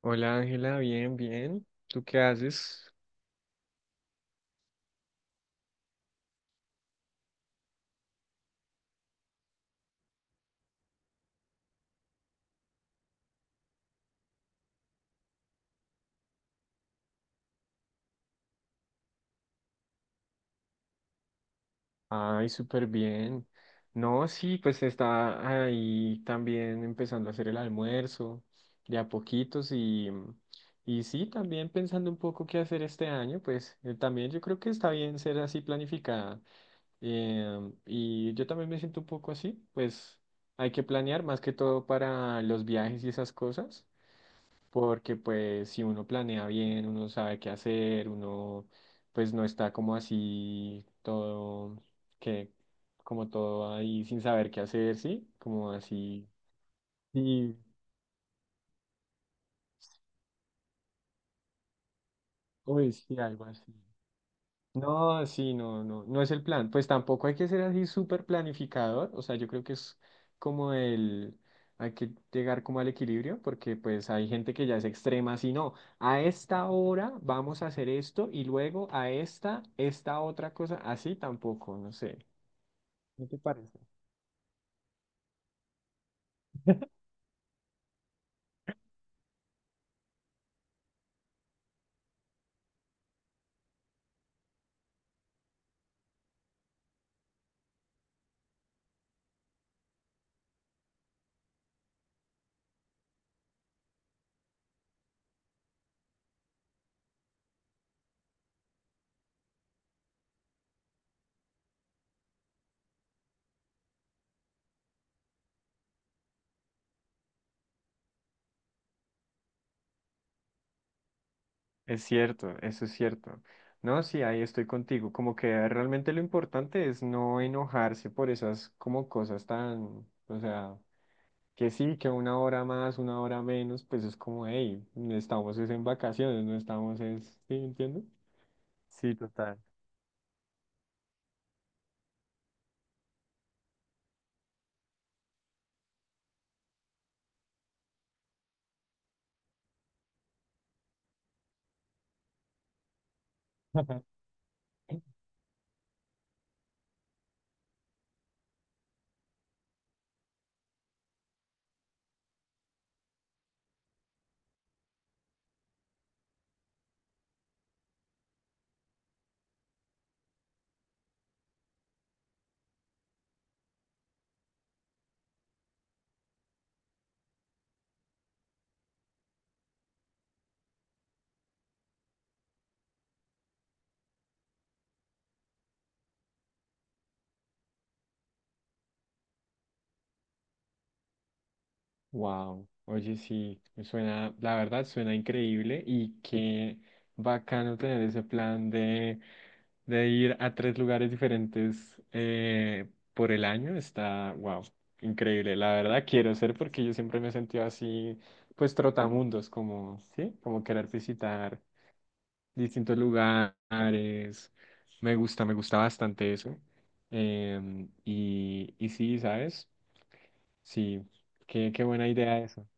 Hola Ángela, bien, bien. ¿Tú qué haces? Ay, súper bien. No, sí, pues está ahí también empezando a hacer el almuerzo de a poquitos y sí, también pensando un poco qué hacer este año, pues también yo creo que está bien ser así planificada. Y yo también me siento un poco así, pues hay que planear más que todo para los viajes y esas cosas. Porque pues si uno planea bien, uno sabe qué hacer, uno pues no está como así todo, que como todo ahí sin saber qué hacer, ¿sí? Como así, sí, uy, sí, algo así. No, sí, no, no, no es el plan. Pues tampoco hay que ser así súper planificador. O sea, yo creo que es como el, hay que llegar como al equilibrio, porque pues hay gente que ya es extrema, así no, a esta hora vamos a hacer esto y luego a esta, esta otra cosa, así tampoco, no sé. ¿No te parece? Es cierto, eso es cierto. No, sí, ahí estoy contigo. Como que realmente lo importante es no enojarse por esas como cosas tan, o sea. Que sí, que una hora más, una hora menos, pues es como, hey, no estamos es en vacaciones, no estamos es, ¿sí entiendes? Sí, total. Wow, oye, sí, suena, la verdad suena increíble y qué bacano tener ese plan de ir a 3 lugares diferentes por el año, está, wow, increíble, la verdad quiero ser porque yo siempre me he sentido así, pues trotamundos, como, sí, como querer visitar distintos lugares. Me gusta bastante eso. Y sí, ¿sabes? Sí, qué, qué buena idea eso.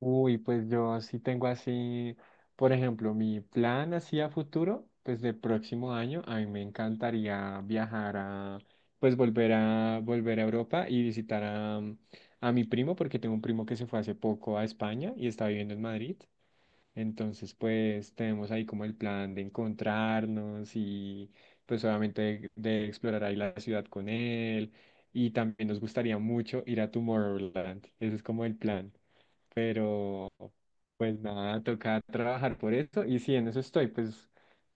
Uy, pues yo sí tengo así, por ejemplo, mi plan así a futuro, pues de próximo año, a mí me encantaría viajar a, pues volver a Europa y visitar a mi primo, porque tengo un primo que se fue hace poco a España y está viviendo en Madrid. Entonces, pues tenemos ahí como el plan de encontrarnos y pues obviamente de explorar ahí la ciudad con él. Y también nos gustaría mucho ir a Tomorrowland. Ese es como el plan. Pero pues nada, toca trabajar por eso. Y sí, en eso estoy, pues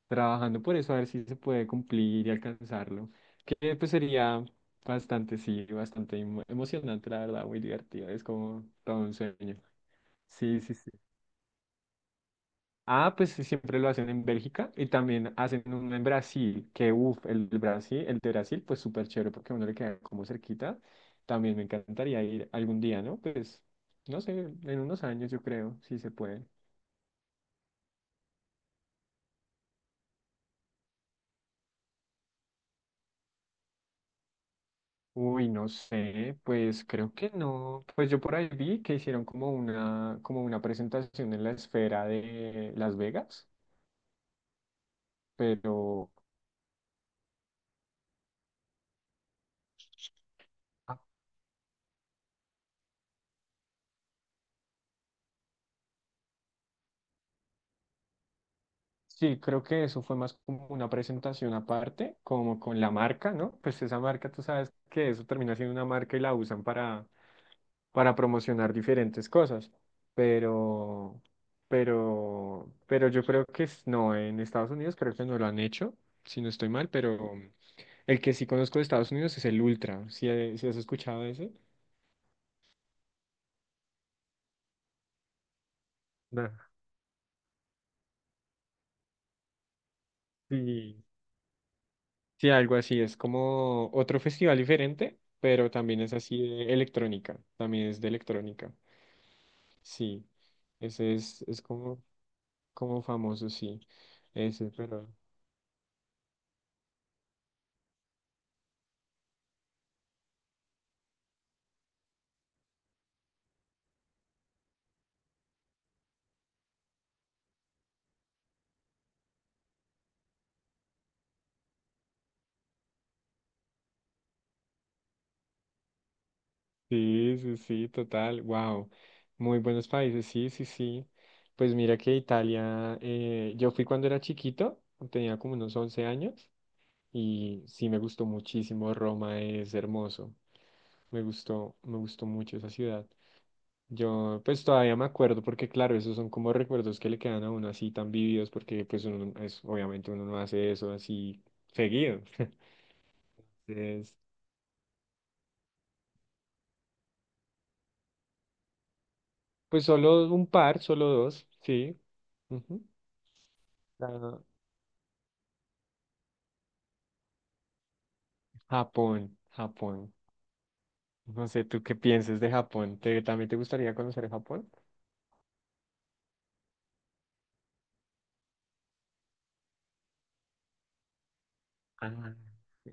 trabajando por eso, a ver si se puede cumplir y alcanzarlo. Que pues sería bastante, sí, bastante emocionante, la verdad, muy divertido. Es como todo un sueño. Sí, sí, sí. Ah, pues sí, siempre lo hacen en Bélgica y también hacen uno en Brasil, que uff, el Brasil, el de Brasil, pues súper chévere porque a uno le queda como cerquita. También me encantaría ir algún día, ¿no? Pues, no sé, en unos años yo creo, si se puede. Uy, no sé, pues creo que no. Pues yo por ahí vi que hicieron como una presentación en la esfera de Las Vegas, pero sí, creo que eso fue más como una presentación aparte, como con la marca, ¿no? Pues esa marca, tú sabes que eso termina siendo una marca y la usan para promocionar diferentes cosas. Pero, pero yo creo que no, en Estados Unidos creo que no lo han hecho, si no estoy mal, pero el que sí conozco de Estados Unidos es el Ultra. ¿Si has escuchado de ese? No. Sí. Sí, algo así, es como otro festival diferente, pero también es así de electrónica, también es de electrónica, sí, ese es como, como famoso, sí, ese, pero sí, sí, sí, total, wow, muy buenos países, sí, sí, sí, pues mira que Italia, yo fui cuando era chiquito, tenía como unos 11 años, y sí me gustó muchísimo, Roma es hermoso, me gustó mucho esa ciudad. Yo pues todavía me acuerdo porque claro, esos son como recuerdos que le quedan a uno así tan vividos porque pues uno es, obviamente uno no hace eso así seguido. Entonces, pues solo un par, solo dos, sí. Ujú. Ah, Japón, Japón. No sé, ¿tú qué piensas de Japón? ¿Te, también te gustaría conocer Japón? Ah, sí.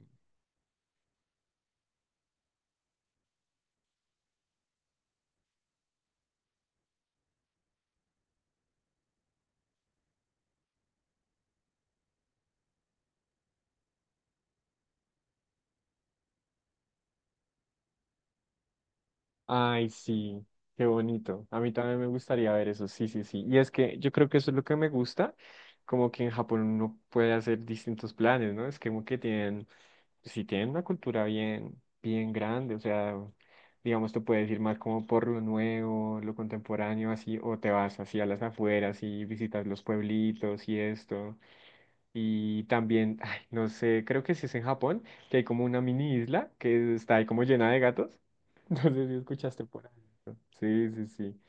Ay, sí, qué bonito. A mí también me gustaría ver eso, sí, sí, sí. Y es que yo creo que eso es lo que me gusta, como que en Japón uno puede hacer distintos planes, ¿no? Es que como que tienen, pues sí tienen una cultura bien, bien grande, o sea, digamos, te puedes ir más como por lo nuevo, lo contemporáneo, así, o te vas así a las afueras y visitas los pueblitos y esto. Y también, ay, no sé, creo que sí es en Japón, que hay como una mini isla que está ahí como llena de gatos. No sé si escuchaste por ahí. Sí, sí, sí.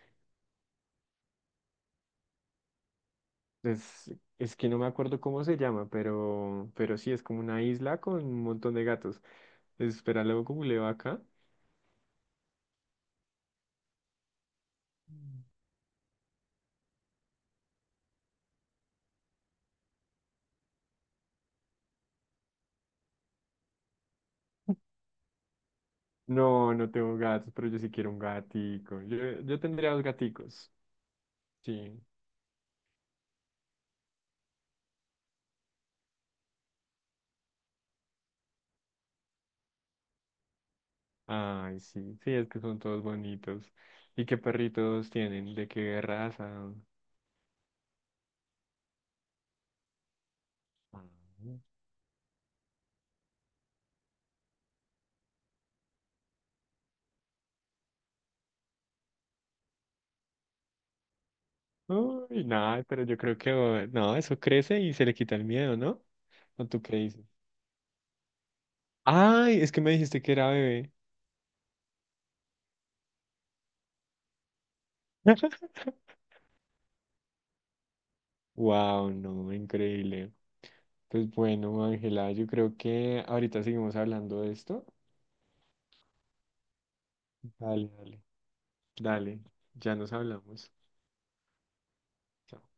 Es, es que no me acuerdo cómo se llama, pero sí, es como una isla con un montón de gatos. Espera, luego googleo acá. Mm. No, no tengo gatos, pero yo sí quiero un gatico. Yo tendría dos gaticos. Sí. Ay, sí. Sí, es que son todos bonitos. ¿Y qué perritos tienen? ¿De qué raza? Ah. Uy, nada, pero yo creo que oh, no, eso crece y se le quita el miedo, ¿no? ¿O tú qué dices? Ay, es que me dijiste que era bebé. Wow, no, increíble. Pues bueno, Ángela, yo creo que ahorita seguimos hablando de esto. Dale, dale, dale, ya nos hablamos. Chao.